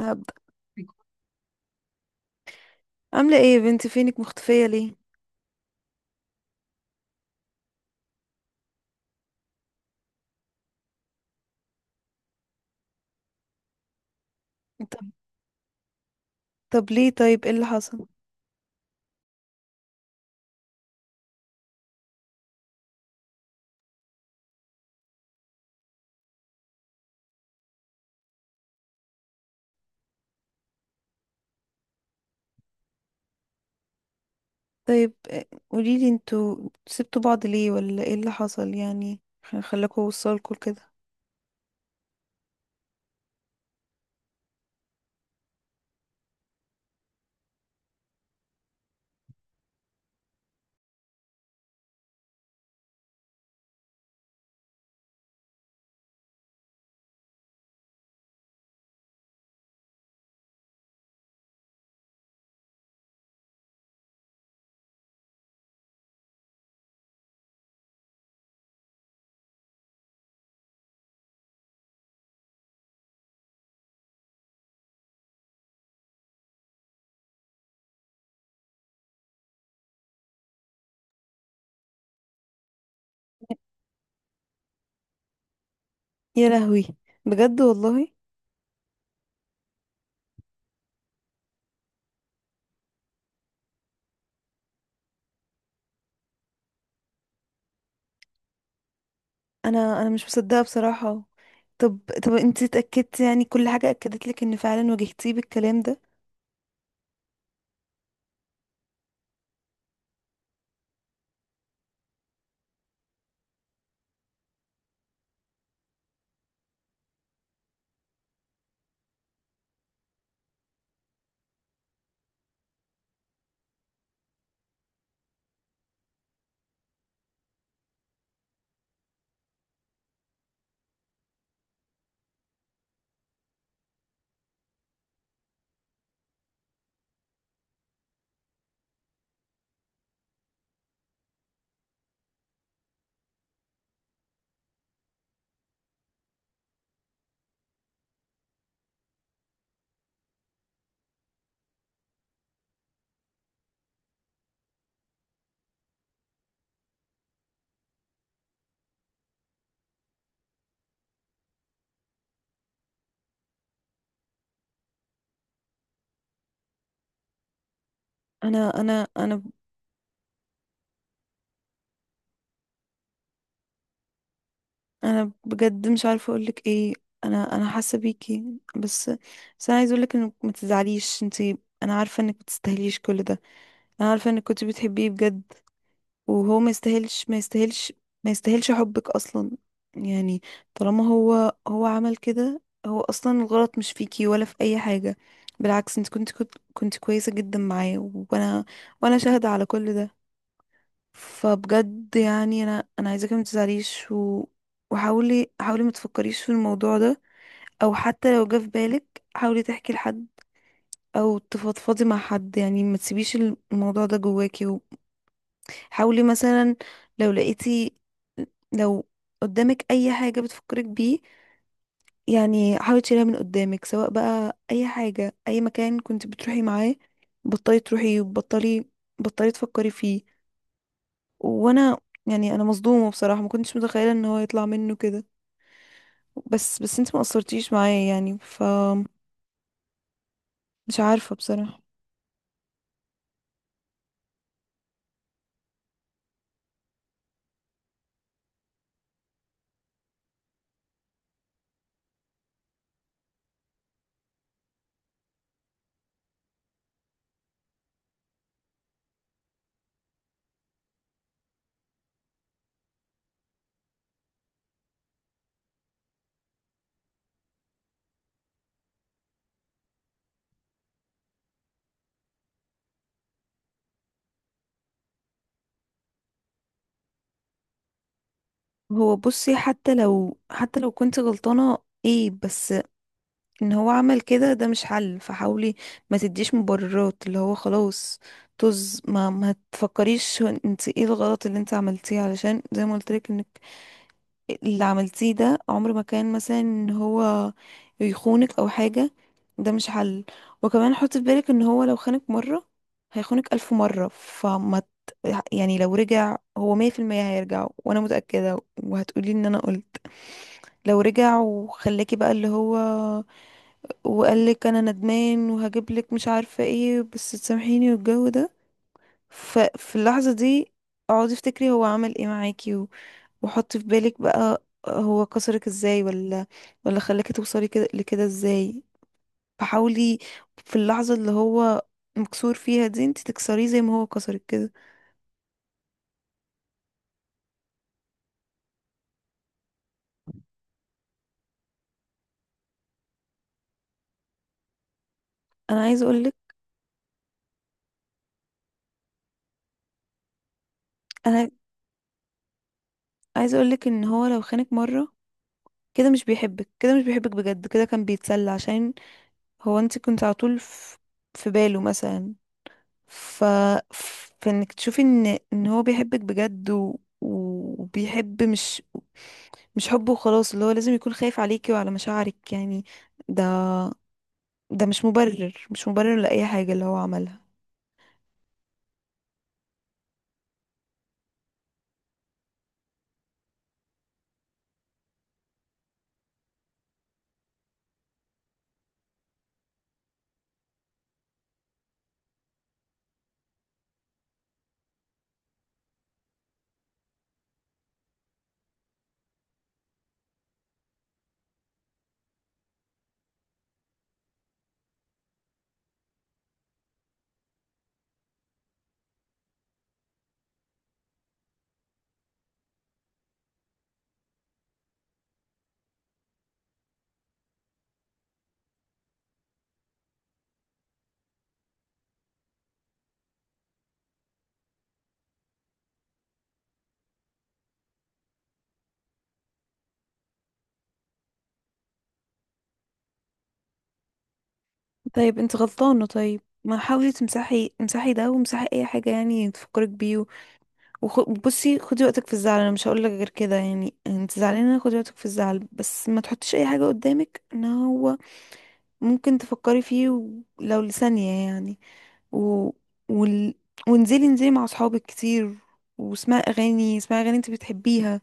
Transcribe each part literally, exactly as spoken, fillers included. هبدأ. عاملة ايه يا بنتي؟ فينك مختفية ليه؟ طب طب، ليه؟ طيب، ايه اللي حصل؟ طيب، آه، قوليلي، انتوا سبتوا بعض ليه ولا ايه اللي حصل يعني؟ خ- خلاكوا وصلكوا لكده؟ يا لهوي، بجد والله؟ انا انا مش مصدقة بصراحة. طب طب، انتي اتأكدتي يعني؟ كل حاجة اكدت لك ان فعلا واجهتيه بالكلام ده؟ انا انا انا انا بجد مش عارفة اقولك ايه. انا انا حاسة بيكي. بس بس انا عايزة اقولك انك ما تزعليش انتي. انا عارفة انك ما تستاهليش كل ده. انا عارفه انك كنت بتحبيه بجد، وهو ما يستاهلش، ما يستاهلش، ما يستاهلش حبك اصلا. يعني طالما هو هو عمل كده، هو اصلا الغلط مش فيكي ولا في اي حاجه، بالعكس. انت كنت كنت, كنت كويسه جدا معاه، وانا وانا شاهده على كل ده. فبجد يعني انا انا عايزاكي ما تزعليش. و... وحاولي، حاولي ما تفكريش في الموضوع ده، او حتى لو جه في بالك حاولي تحكي لحد او تفضفضي مع حد. يعني ما تسيبيش الموضوع ده جواكي. حاولي مثلا، لو لقيتي، لو قدامك اي حاجة بتفكرك بيه، يعني حاولي تشيلها من قدامك، سواء بقى اي حاجة، اي مكان كنت بتروحي معاه، بطلي تروحي، وبطلي بطلي تفكري فيه. وانا يعني انا مصدومة بصراحة، ما كنتش متخيلة ان هو يطلع منه كده. بس بس انت ما قصرتيش معايا يعني. ف مش عارفة بصراحة. هو، بصي، حتى لو حتى لو كنت غلطانة ايه، بس ان هو عمل كده ده مش حل. فحاولي ما تديش مبررات. اللي هو خلاص، طز. ما ما تفكريش. هو انت ايه الغلط اللي انت عملتيه؟ علشان زي ما قلت لك، انك اللي عملتيه ده عمر ما كان مثلا ان هو يخونك او حاجة. ده مش حل. وكمان حطي في بالك ان هو لو خانك مرة، هيخونك ألف مرة. فما ت- يعني لو رجع، هو مية في المية هيرجع، وانا متأكدة، وهتقولي ان انا قلت. لو رجع وخلاكي بقى اللي هو، وقال لك انا ندمان وهجيب لك مش عارفه ايه، بس تسامحيني والجو ده، ففي اللحظه دي اقعدي افتكري هو عمل ايه معاكي، و- وحطي في بالك بقى هو كسرك ازاي، ولا ولا خلاكي توصلي كده لكده ازاي. فحاولي في اللحظه اللي هو مكسور فيها دي انت تكسريه زي ما هو كسرك كده. انا عايزه اقول لك انا عايزه اقول لك ان هو لو خانك مره كده، مش بيحبك، كده مش بيحبك بجد، كده كان بيتسلى. عشان هو، انت كنت على طول في في باله مثلا. ف... فانك تشوفي ان ان هو بيحبك بجد، و... وبيحب، مش مش حبه وخلاص. اللي هو لازم يكون خايف عليكي وعلى مشاعرك يعني. ده ده مش مبرر، مش مبرر لأي حاجة اللي هو عملها. طيب، انت غلطانة. طيب، ما حاولي تمسحي. امسحي ده وامسحي اي حاجة يعني تفكرك بيه. و- وخ... بصي، خدي وقتك في الزعل. انا مش هقولك غير كده يعني. انت زعلانة، خدي وقتك في الزعل، بس ما تحطيش اي حاجة قدامك ان هو ممكن تفكري فيه، ولو لثانية يعني. و... وال... وانزلي، انزلي مع اصحابك كتير. واسمعي اغاني، اسمعي اغاني انت بتحبيها.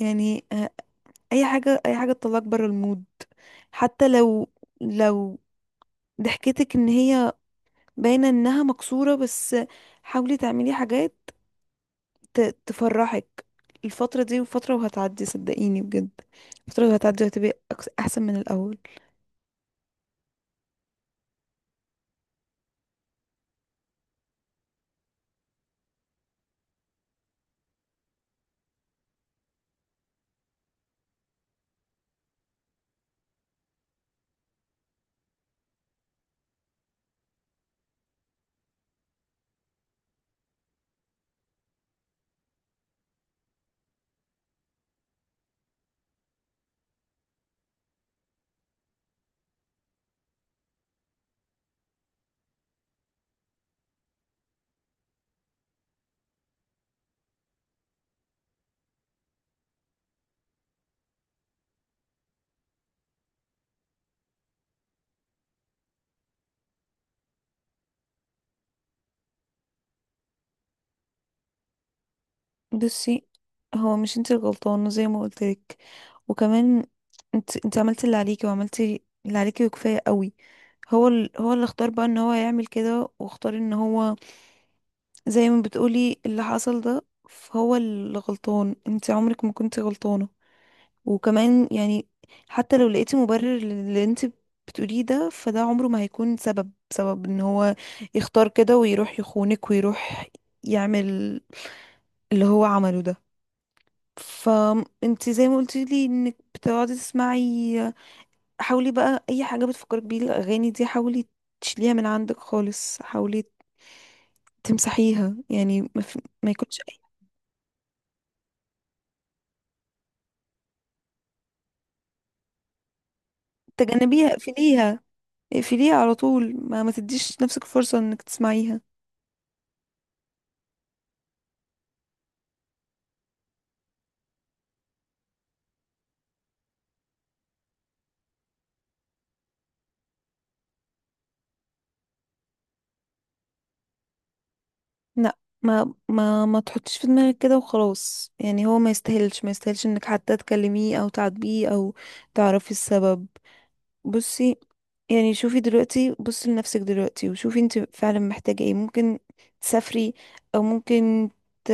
يعني، آه، اي حاجه، اي حاجه تطلعك بره المود. حتى لو، لو ضحكتك ان هي باينه انها مكسوره، بس حاولي تعملي حاجات ت... تفرحك. الفتره دي وفتره، وهتعدي صدقيني بجد. الفتره وهتعدي، وهتبقي أكس- احسن من الاول. بصي، هو مش انت الغلطانة زي ما قلتلك. وكمان انت انت عملتي اللي عليكي، وعملتي اللي عليكي وكفاية قوي. هو ال... هو اللي اختار بقى ان هو يعمل كده، واختار ان هو زي ما بتقولي اللي حصل ده. فهو اللي غلطان، انت عمرك ما كنت غلطانة. وكمان يعني، حتى لو لقيتي مبرر للي انت بتقوليه ده، فده عمره ما هيكون سبب، سبب ان هو يختار كده ويروح يخونك، ويروح يعمل اللي هو عمله ده. فانت زي ما قلتي لي انك بتقعدي تسمعي، حاولي بقى اي حاجه بتفكرك بيه الاغاني دي حاولي تشيليها من عندك خالص. حاولي تمسحيها يعني. ما, في... ما يكونش أي- تجنبيها. اقفليها، اقفليها على طول. ما ما تديش نفسك فرصه انك تسمعيها. لا، ما ما ما تحطيش في دماغك كده وخلاص. يعني هو ما يستاهلش، ما يستاهلش انك حتى تكلميه، او تعاتبيه، او تعرفي السبب. بصي يعني، شوفي دلوقتي، بصي لنفسك دلوقتي وشوفي انت فعلا محتاجة ايه. ممكن تسافري، او ممكن ت...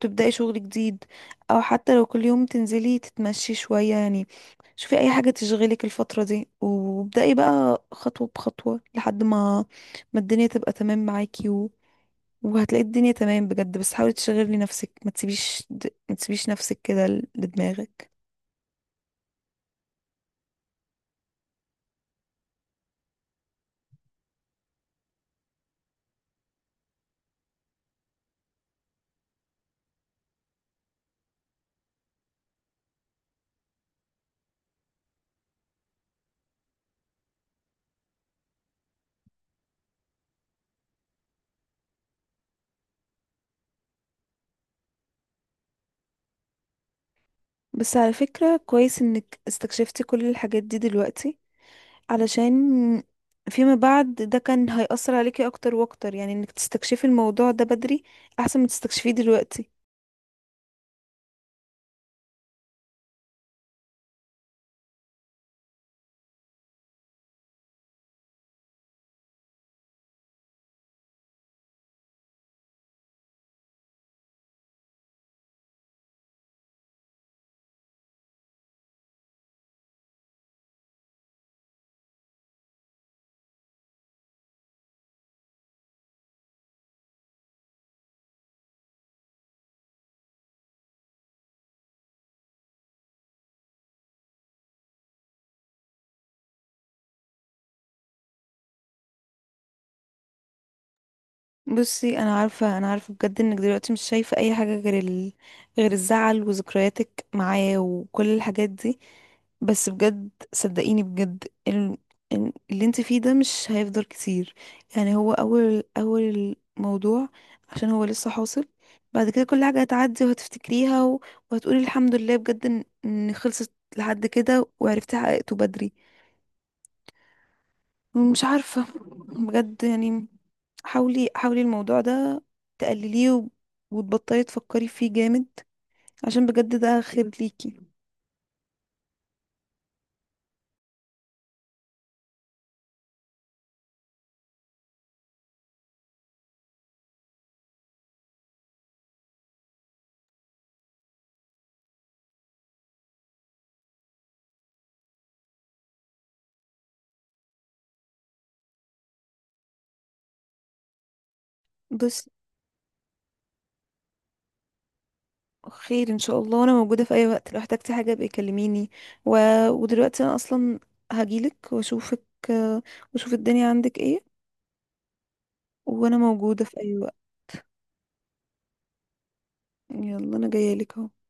تبدأي شغل جديد، او حتى لو كل يوم تنزلي تتمشي شوية يعني. شوفي اي حاجة تشغلك الفترة دي، وابدأي بقى خطوة بخطوة، لحد ما ما الدنيا تبقى تمام معاكي. و... وهتلاقي الدنيا تمام بجد. بس حاولي تشغلي نفسك، ما تسيبيش د... ما تسيبيش نفسك كده ل- لدماغك. بس على فكرة، كويس انك استكشفتي كل الحاجات دي دلوقتي، علشان فيما بعد ده كان هيأثر عليكي اكتر واكتر. يعني انك تستكشفي الموضوع ده بدري احسن ما تستكشفيه دلوقتي. بصي، انا عارفه انا عارفه بجد انك دلوقتي مش شايفه اي حاجه غير ال... غير الزعل، وذكرياتك معاه، وكل الحاجات دي. بس بجد صدقيني بجد، ال... ال- اللي انت فيه ده مش هيفضل كتير. يعني هو اول اول الموضوع، عشان هو لسه حاصل. بعد كده كل حاجه هتعدي وهتفتكريها، و... وهتقولي الحمد لله بجد ان إن خلصت لحد كده، وعرفتي حققته بدري. مش عارفة، بجد يعني حاولي، حاولي الموضوع ده تقلليه، و- وتبطلي تفكري فيه جامد، عشان بجد ده خير ليكي. بس، خير ان شاء الله. وانا موجودة في اي وقت، لو احتجتي حاجة ابقي كلميني. و... ودلوقتي انا اصلا هجيلك واشوفك، آه، واشوف الدنيا عندك ايه. وانا موجودة في اي وقت. يلا، انا جاية لك اهو.